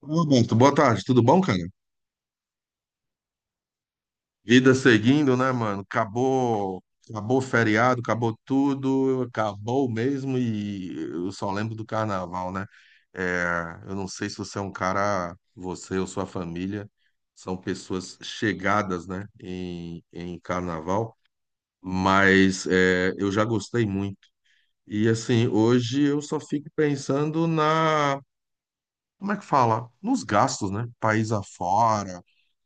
Roberto, boa tarde, tudo bom, cara? Vida seguindo, né, mano? Acabou o feriado, acabou tudo, acabou mesmo e eu só lembro do carnaval, né? É, eu não sei se você é um cara, você ou sua família são pessoas chegadas, né, em carnaval, mas é, eu já gostei muito. E assim, hoje eu só fico pensando como é que fala? Nos gastos, né? País afora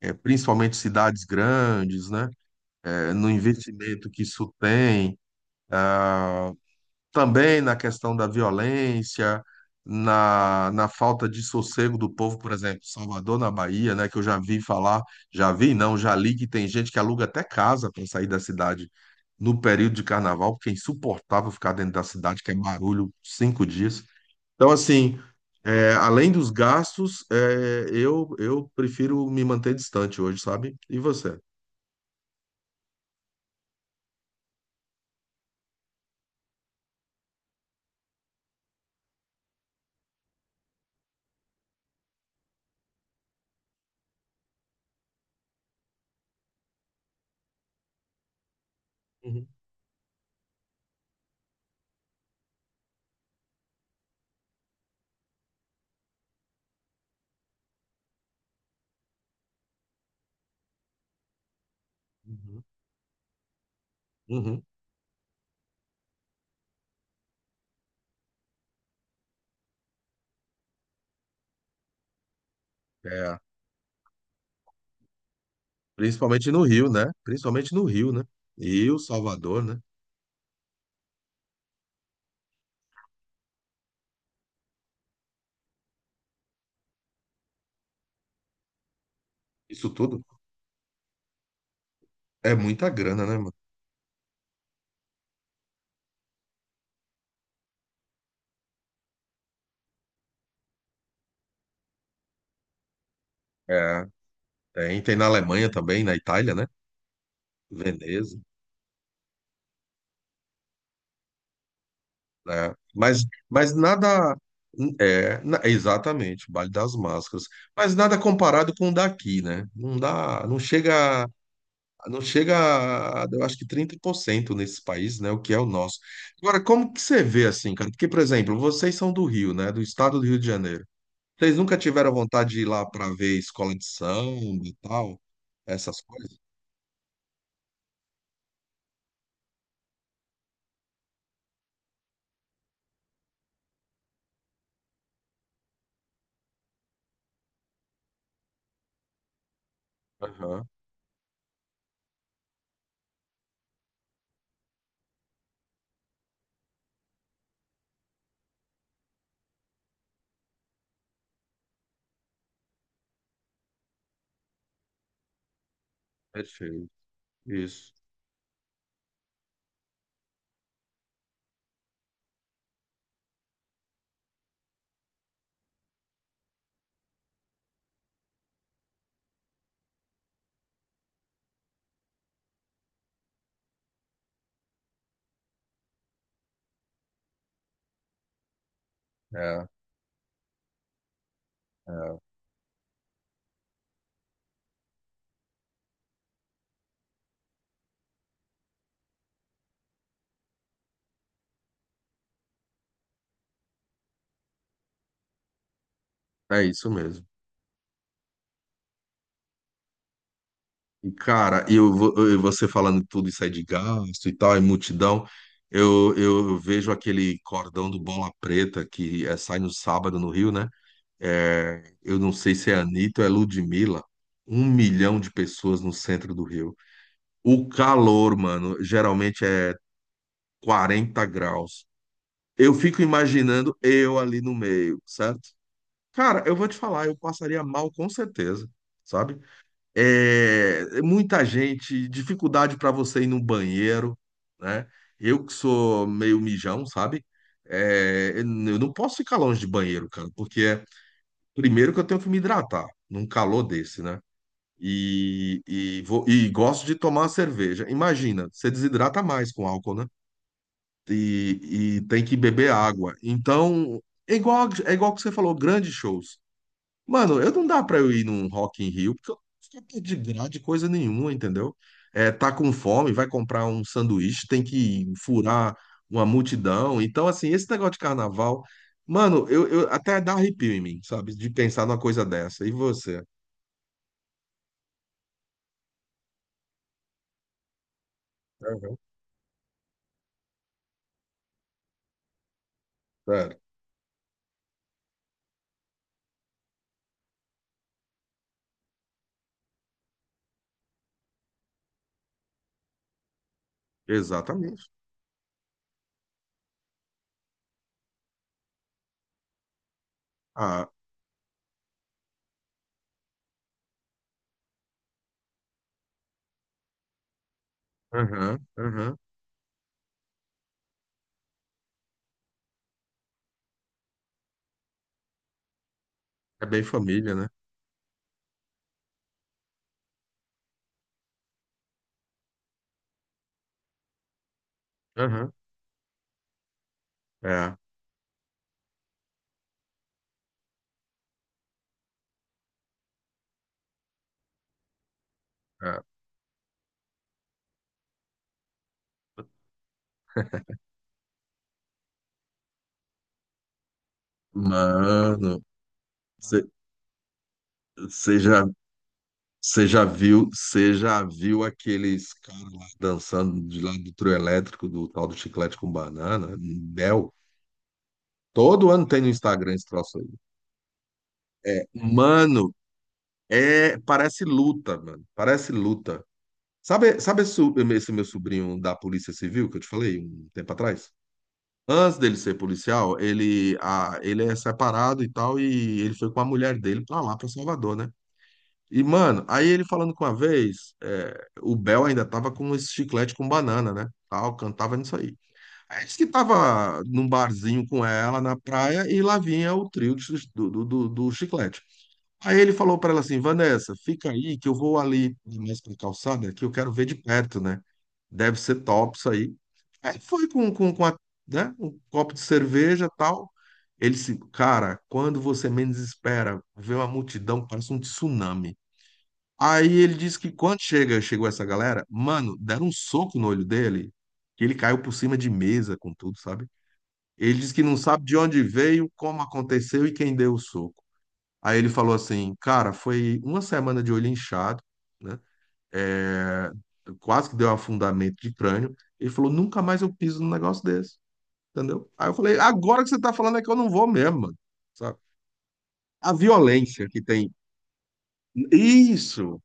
é, principalmente cidades grandes, né? É, no investimento que isso tem, ah, também na questão da violência, na falta de sossego do povo, por exemplo, Salvador, na Bahia, né? Que eu já vi falar, já vi, não, já li que tem gente que aluga até casa para sair da cidade no período de carnaval, porque é insuportável ficar dentro da cidade, que é barulho 5 dias. Então, assim. É, além dos gastos, é, eu prefiro me manter distante hoje, sabe? E você? Uhum, uhum, uhum. É, principalmente no Rio, né? Principalmente no Rio, né? Rio, Salvador, né? Isso tudo é muita grana, né, mano? É, tem na Alemanha também, na Itália, né? Veneza, né? Mas nada. É, na- exatamente, o Baile das Máscaras. Mas nada comparado com o daqui, né? Não dá, não chega. Não chega a, eu acho que 30% nesses países, né? O que é o nosso. Agora, como que você vê assim, cara? Porque, por exemplo, vocês são do Rio, né? Do estado do Rio de Janeiro. Vocês nunca tiveram vontade de ir lá para ver escola de samba e tal? Essas coisas? Aham, perfeito. Isso. É, é. É isso mesmo. E, cara, e você falando tudo isso aí de gasto e tal, e multidão, eu vejo aquele cordão do Bola Preta que é, sai no sábado no Rio, né? É, eu não sei se é Anitta ou é Ludmilla, 1 milhão de pessoas no centro do Rio. O calor, mano, geralmente é 40 graus. Eu fico imaginando eu ali no meio, certo? Cara, eu vou te falar, eu passaria mal com certeza, sabe? É, muita gente, dificuldade para você ir no banheiro, né? Eu que sou meio mijão, sabe? É, eu não posso ficar longe de banheiro, cara, porque primeiro que eu tenho que me hidratar num calor desse, né? E gosto de tomar uma cerveja. Imagina, você desidrata mais com álcool, né? E tem que beber água. Então, é igual que você falou, grandes shows. Mano, eu não dá pra eu ir num Rock in Rio, porque eu não fico de grade coisa nenhuma, entendeu? É, tá com fome, vai comprar um sanduíche, tem que furar uma multidão. Então, assim, esse negócio de carnaval, mano, eu até dá arrepio em mim, sabe? De pensar numa coisa dessa. E você? Aham. Sério. Exatamente. Ah, aham, aham. É bem família, né? Aham. É, é. Mano, você já você já viu aqueles caras lá dançando de lá do trio elétrico, do tal do chiclete com banana, Bel? Todo ano tem no Instagram esse troço aí. Mano, é, parece luta, mano. Parece luta. Sabe, esse meu sobrinho da Polícia Civil que eu te falei um tempo atrás? Antes dele ser policial, ele, ah, ele é separado e tal, e ele foi com a mulher dele pra lá, pra Salvador, né? E, mano, aí ele falando com a vez, é, o Bel ainda tava com esse chiclete com banana, né? Tal, cantava nisso aí. Aí disse que tava num barzinho com ela na praia e lá vinha o trio do chiclete. Aí ele falou pra ela assim, Vanessa, fica aí que eu vou ali mais pra calçada que eu quero ver de perto, né? Deve ser top isso aí. Aí foi com a, né? Um copo de cerveja tal. Ele disse, cara, quando você menos espera, vê uma multidão, parece um tsunami. Aí ele disse que chegou essa galera, mano, deram um soco no olho dele, que ele caiu por cima de mesa com tudo, sabe? Ele disse que não sabe de onde veio, como aconteceu e quem deu o soco. Aí ele falou assim, cara, foi uma semana de olho inchado, né? É, quase que deu afundamento de crânio. Ele falou, nunca mais eu piso num negócio desse, entendeu? Aí eu falei, agora que você tá falando é que eu não vou mesmo, mano, sabe? A violência que tem. Isso,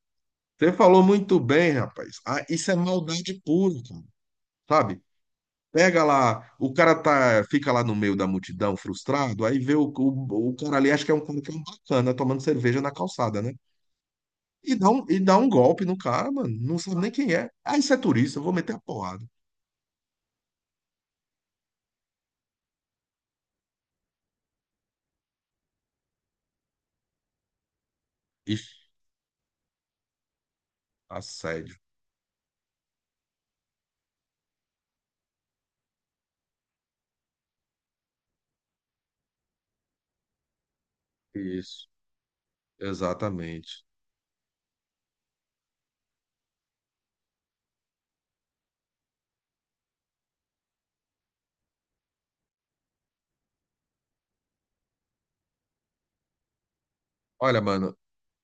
você falou muito bem, rapaz. Ah, isso é maldade pura, cara. Sabe? Pega lá, o cara tá, fica lá no meio da multidão, frustrado, aí vê o cara ali, acho que é um cara que é um bacana, tomando cerveja na calçada, né? E dá um golpe no cara, mano. Não sabe nem quem é. Ah, isso é turista, eu vou meter a porrada. Ixi, assédio. Isso, exatamente. Olha, mano,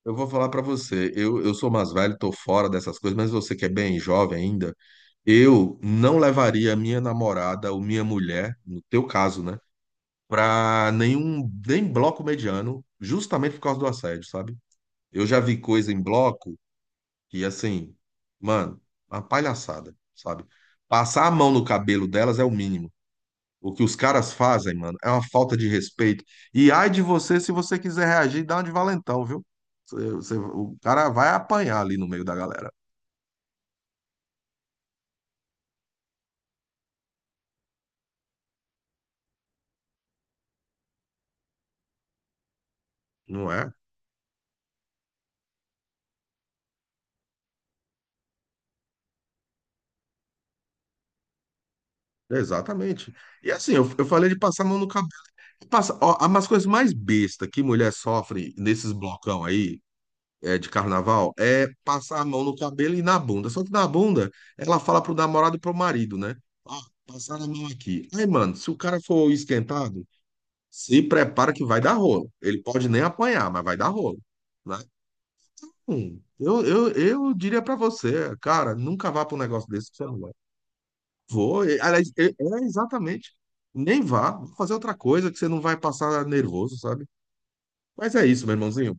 eu vou falar pra você. Eu sou mais velho, tô fora dessas coisas, mas você que é bem jovem ainda. Eu não levaria minha namorada ou minha mulher, no teu caso, né, para nenhum nem bloco mediano, justamente por causa do assédio, sabe? Eu já vi coisa em bloco que assim, mano, uma palhaçada, sabe? Passar a mão no cabelo delas é o mínimo. O que os caras fazem, mano, é uma falta de respeito. E ai de você se você quiser reagir, dá uma de valentão, viu? O cara vai apanhar ali no meio da galera, não é? Exatamente. E assim, eu falei de passar a mão no cabelo. Passa, ó, as coisas mais besta que mulher sofre nesses blocão aí, é, de carnaval, é passar a mão no cabelo e na bunda. Só que na bunda, ela fala pro namorado e pro marido, né? Ah, passar a mão aqui. Aí, mano, se o cara for esquentado, se prepara que vai dar rolo. Ele pode nem apanhar, mas vai dar rolo, né? Eu diria pra você, cara, nunca vá pra um negócio desse que você não vai. Vou, e- aliás, e- é exatamente. Nem vá, vá fazer outra coisa que você não vai passar nervoso, sabe? Mas é isso, meu irmãozinho.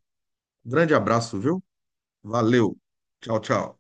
Grande abraço, viu? Valeu. Tchau, tchau.